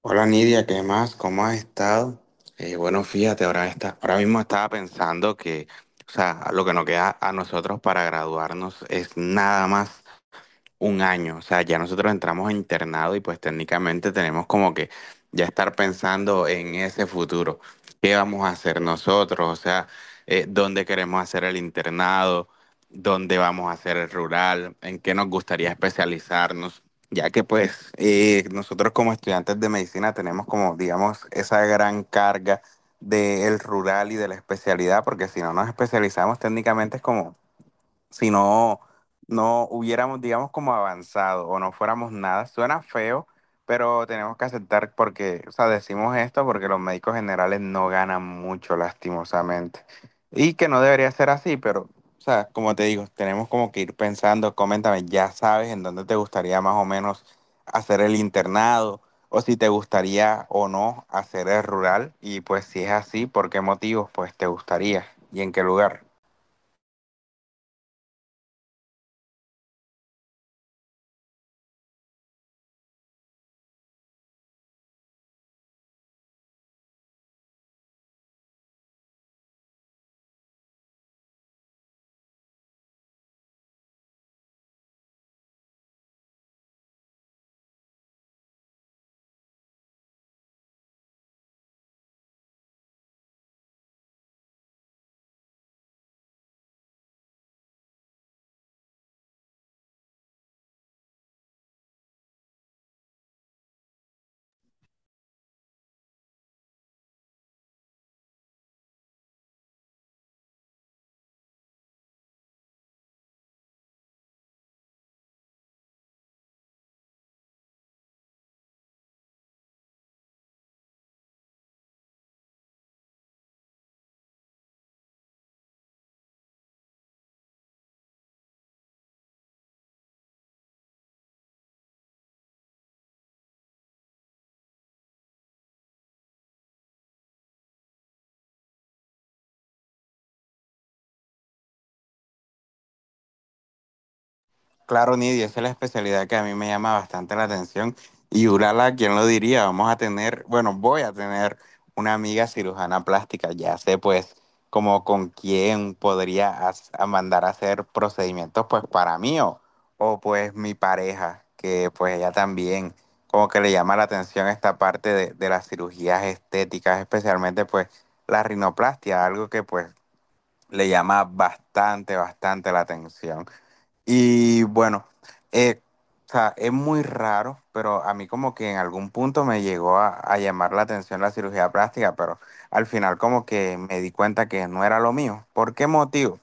Hola Nidia, ¿qué más? ¿Cómo has estado? Bueno, fíjate, ahora mismo estaba pensando que, o sea, lo que nos queda a nosotros para graduarnos es nada más un año, o sea, ya nosotros entramos a internado y pues técnicamente tenemos como que ya estar pensando en ese futuro, qué vamos a hacer nosotros, o sea, dónde queremos hacer el internado, dónde vamos a hacer el rural, en qué nos gustaría especializarnos, ya que pues nosotros como estudiantes de medicina tenemos como, digamos, esa gran carga del rural y de la especialidad, porque si no nos especializamos técnicamente es como si no, no hubiéramos, digamos, como avanzado o no fuéramos nada. Suena feo, pero tenemos que aceptar porque, o sea, decimos esto porque los médicos generales no ganan mucho, lastimosamente. Y que no debería ser así, pero, o sea, como te digo, tenemos como que ir pensando, coméntame, ya sabes en dónde te gustaría más o menos hacer el internado. O si te gustaría o no hacer el rural, y pues si es así, ¿por qué motivos pues te gustaría y en qué lugar? Claro, Nidia, esa es la especialidad que a mí me llama bastante la atención. Y Urala, ¿quién lo diría? Vamos a tener, bueno, voy a tener una amiga cirujana plástica. Ya sé, pues, como con quién podría as- a mandar a hacer procedimientos, pues, para mí pues, mi pareja, que, pues, ella también como que le llama la atención esta parte de las cirugías estéticas, especialmente, pues, la rinoplastia, algo que, pues, le llama bastante, bastante la atención. Y bueno, eh, o sea, es muy raro, pero a mí como que en algún punto me llegó a llamar la atención la cirugía plástica, pero al final como que me di cuenta que no era lo mío. ¿Por qué motivo?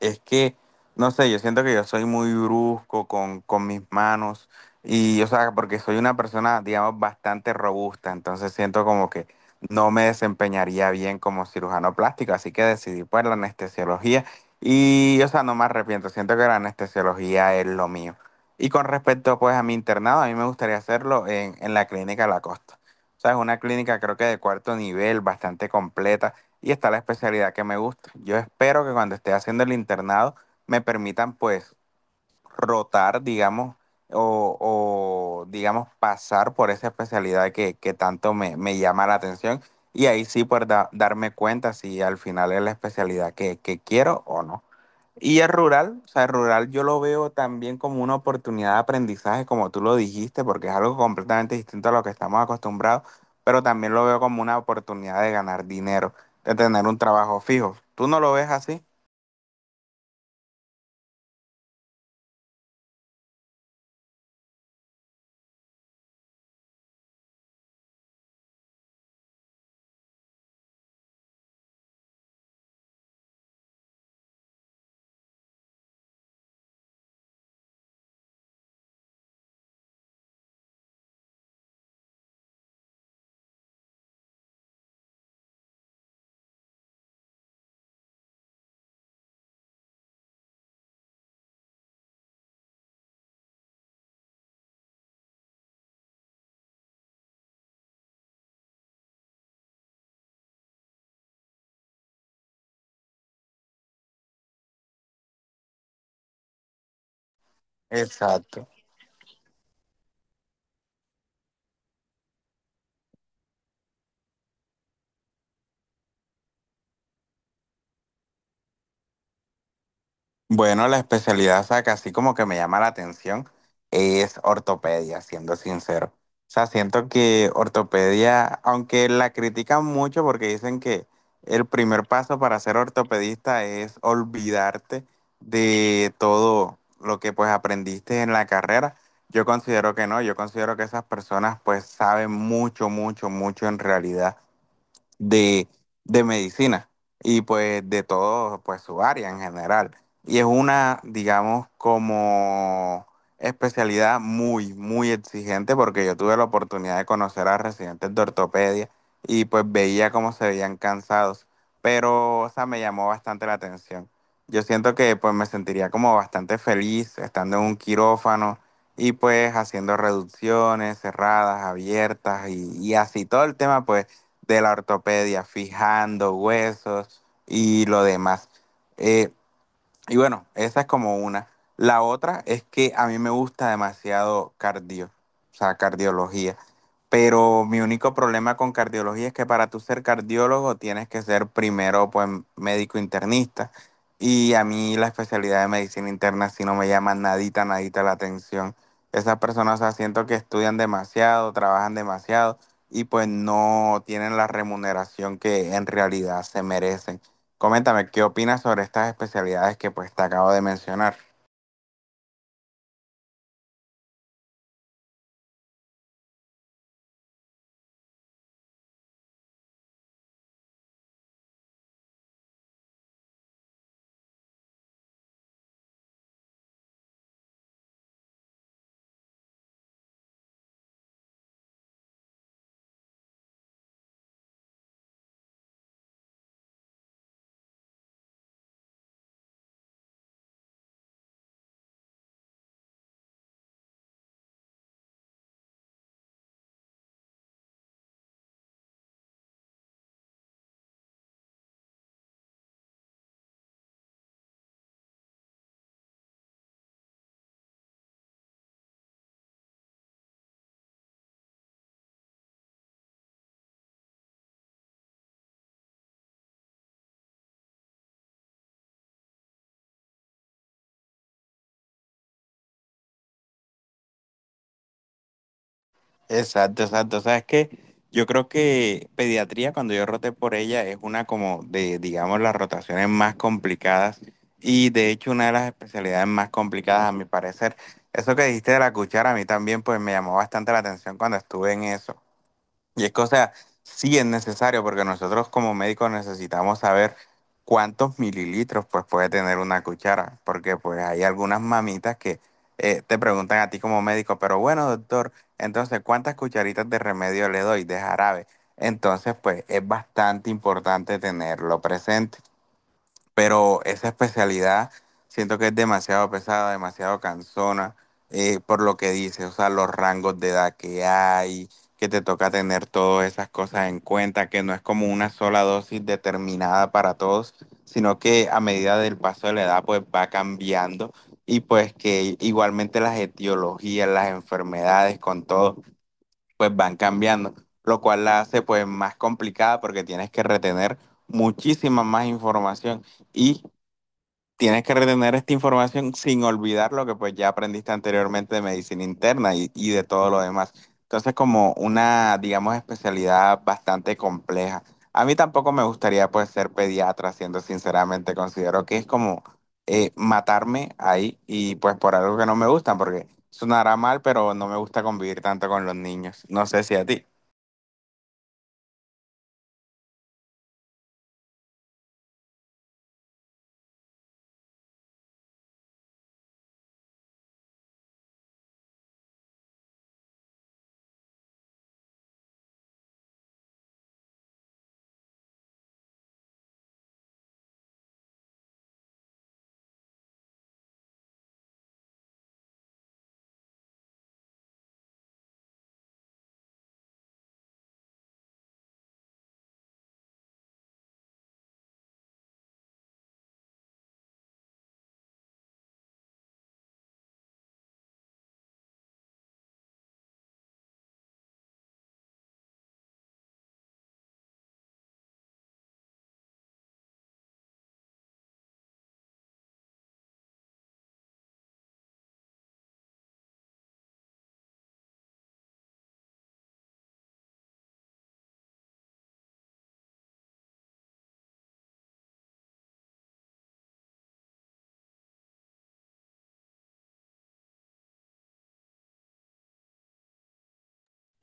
Es que, no sé, yo siento que yo soy muy brusco con mis manos y, o sea, porque soy una persona, digamos, bastante robusta, entonces siento como que no me desempeñaría bien como cirujano plástico, así que decidí por la anestesiología y, o sea, no me arrepiento, siento que la anestesiología es lo mío. Y con respecto, pues, a mi internado, a mí me gustaría hacerlo en la clínica La Costa. O sea, es una clínica creo que de cuarto nivel, bastante completa y está la especialidad que me gusta. Yo espero que cuando esté haciendo el internado me permitan pues rotar, digamos, o, digamos pasar por esa especialidad que tanto me llama la atención y ahí sí poder darme cuenta si al final es la especialidad que quiero o no. Y el rural, o sea, el rural yo lo veo también como una oportunidad de aprendizaje, como tú lo dijiste, porque es algo completamente distinto a lo que estamos acostumbrados, pero también lo veo como una oportunidad de ganar dinero, de tener un trabajo fijo. ¿Tú no lo ves así? Exacto. Bueno, la especialidad, o sea, que así como que me llama la atención, es ortopedia, siendo sincero. O sea, siento que ortopedia, aunque la critican mucho porque dicen que el primer paso para ser ortopedista es olvidarte de todo lo que pues aprendiste en la carrera, yo considero que no, yo considero que esas personas pues saben mucho, mucho, mucho en realidad de, de medicina y pues de todo pues su área en general. Y es una, digamos, como especialidad muy, muy exigente porque yo tuve la oportunidad de conocer a residentes de ortopedia y pues veía cómo se veían cansados, pero o sea, me llamó bastante la atención. Yo siento que pues me sentiría como bastante feliz estando en un quirófano y pues haciendo reducciones cerradas, abiertas y así todo el tema pues de la ortopedia, fijando huesos y lo demás. Eh, y bueno, esa es como una. La otra es que a mí me gusta demasiado cardio, o sea, cardiología. Pero mi único problema con cardiología es que para tú ser cardiólogo tienes que ser primero pues médico internista. Y a mí la especialidad de medicina interna sí no me llama nadita, nadita la atención. Esas personas, o sea, siento que estudian demasiado, trabajan demasiado y pues no tienen la remuneración que en realidad se merecen. Coméntame, ¿qué opinas sobre estas especialidades que pues te acabo de mencionar? Exacto, exacto. Sabes que yo creo que pediatría, cuando yo roté por ella, es una como de, digamos, las rotaciones más complicadas y de hecho una de las especialidades más complicadas a mi parecer. Eso que dijiste de la cuchara, a mí también pues me llamó bastante la atención cuando estuve en eso. Y es que, o sea, sí es necesario porque nosotros como médicos necesitamos saber cuántos mililitros pues puede tener una cuchara, porque pues hay algunas mamitas que te preguntan a ti como médico, pero bueno, doctor, entonces, ¿cuántas cucharitas de remedio le doy de jarabe? Entonces, pues es bastante importante tenerlo presente, pero esa especialidad siento que es demasiado pesada, demasiado cansona, por lo que dice, o sea, los rangos de edad que hay, que te toca tener todas esas cosas en cuenta, que no es como una sola dosis determinada para todos, sino que a medida del paso de la edad, pues va cambiando y pues que igualmente las etiologías, las enfermedades con todo, pues van cambiando, lo cual la hace pues más complicada porque tienes que retener muchísima más información y tienes que retener esta información sin olvidar lo que pues ya aprendiste anteriormente de medicina interna y de todo lo demás. Entonces, como una, digamos, especialidad bastante compleja. A mí tampoco me gustaría pues ser pediatra, siendo sinceramente, considero que es como matarme ahí y pues por algo que no me gusta, porque sonará mal, pero no me gusta convivir tanto con los niños. No sé si a ti.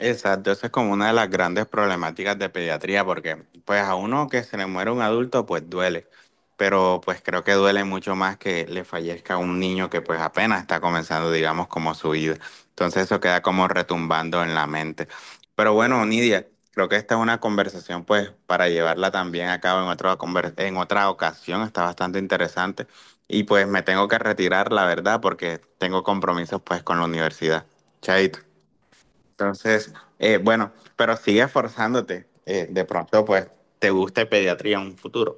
Exacto, esa es como una de las grandes problemáticas de pediatría, porque pues a uno que se le muere un adulto, pues duele, pero pues creo que duele mucho más que le fallezca un niño que pues apenas está comenzando, digamos, como su vida. Entonces eso queda como retumbando en la mente. Pero bueno, Nidia, creo que esta es una conversación pues para llevarla también a cabo en otra en otra ocasión, está bastante interesante y pues me tengo que retirar, la verdad, porque tengo compromisos pues con la universidad. Chaito. Entonces, bueno, pero sigue esforzándote. De pronto, pues, te guste pediatría en un futuro.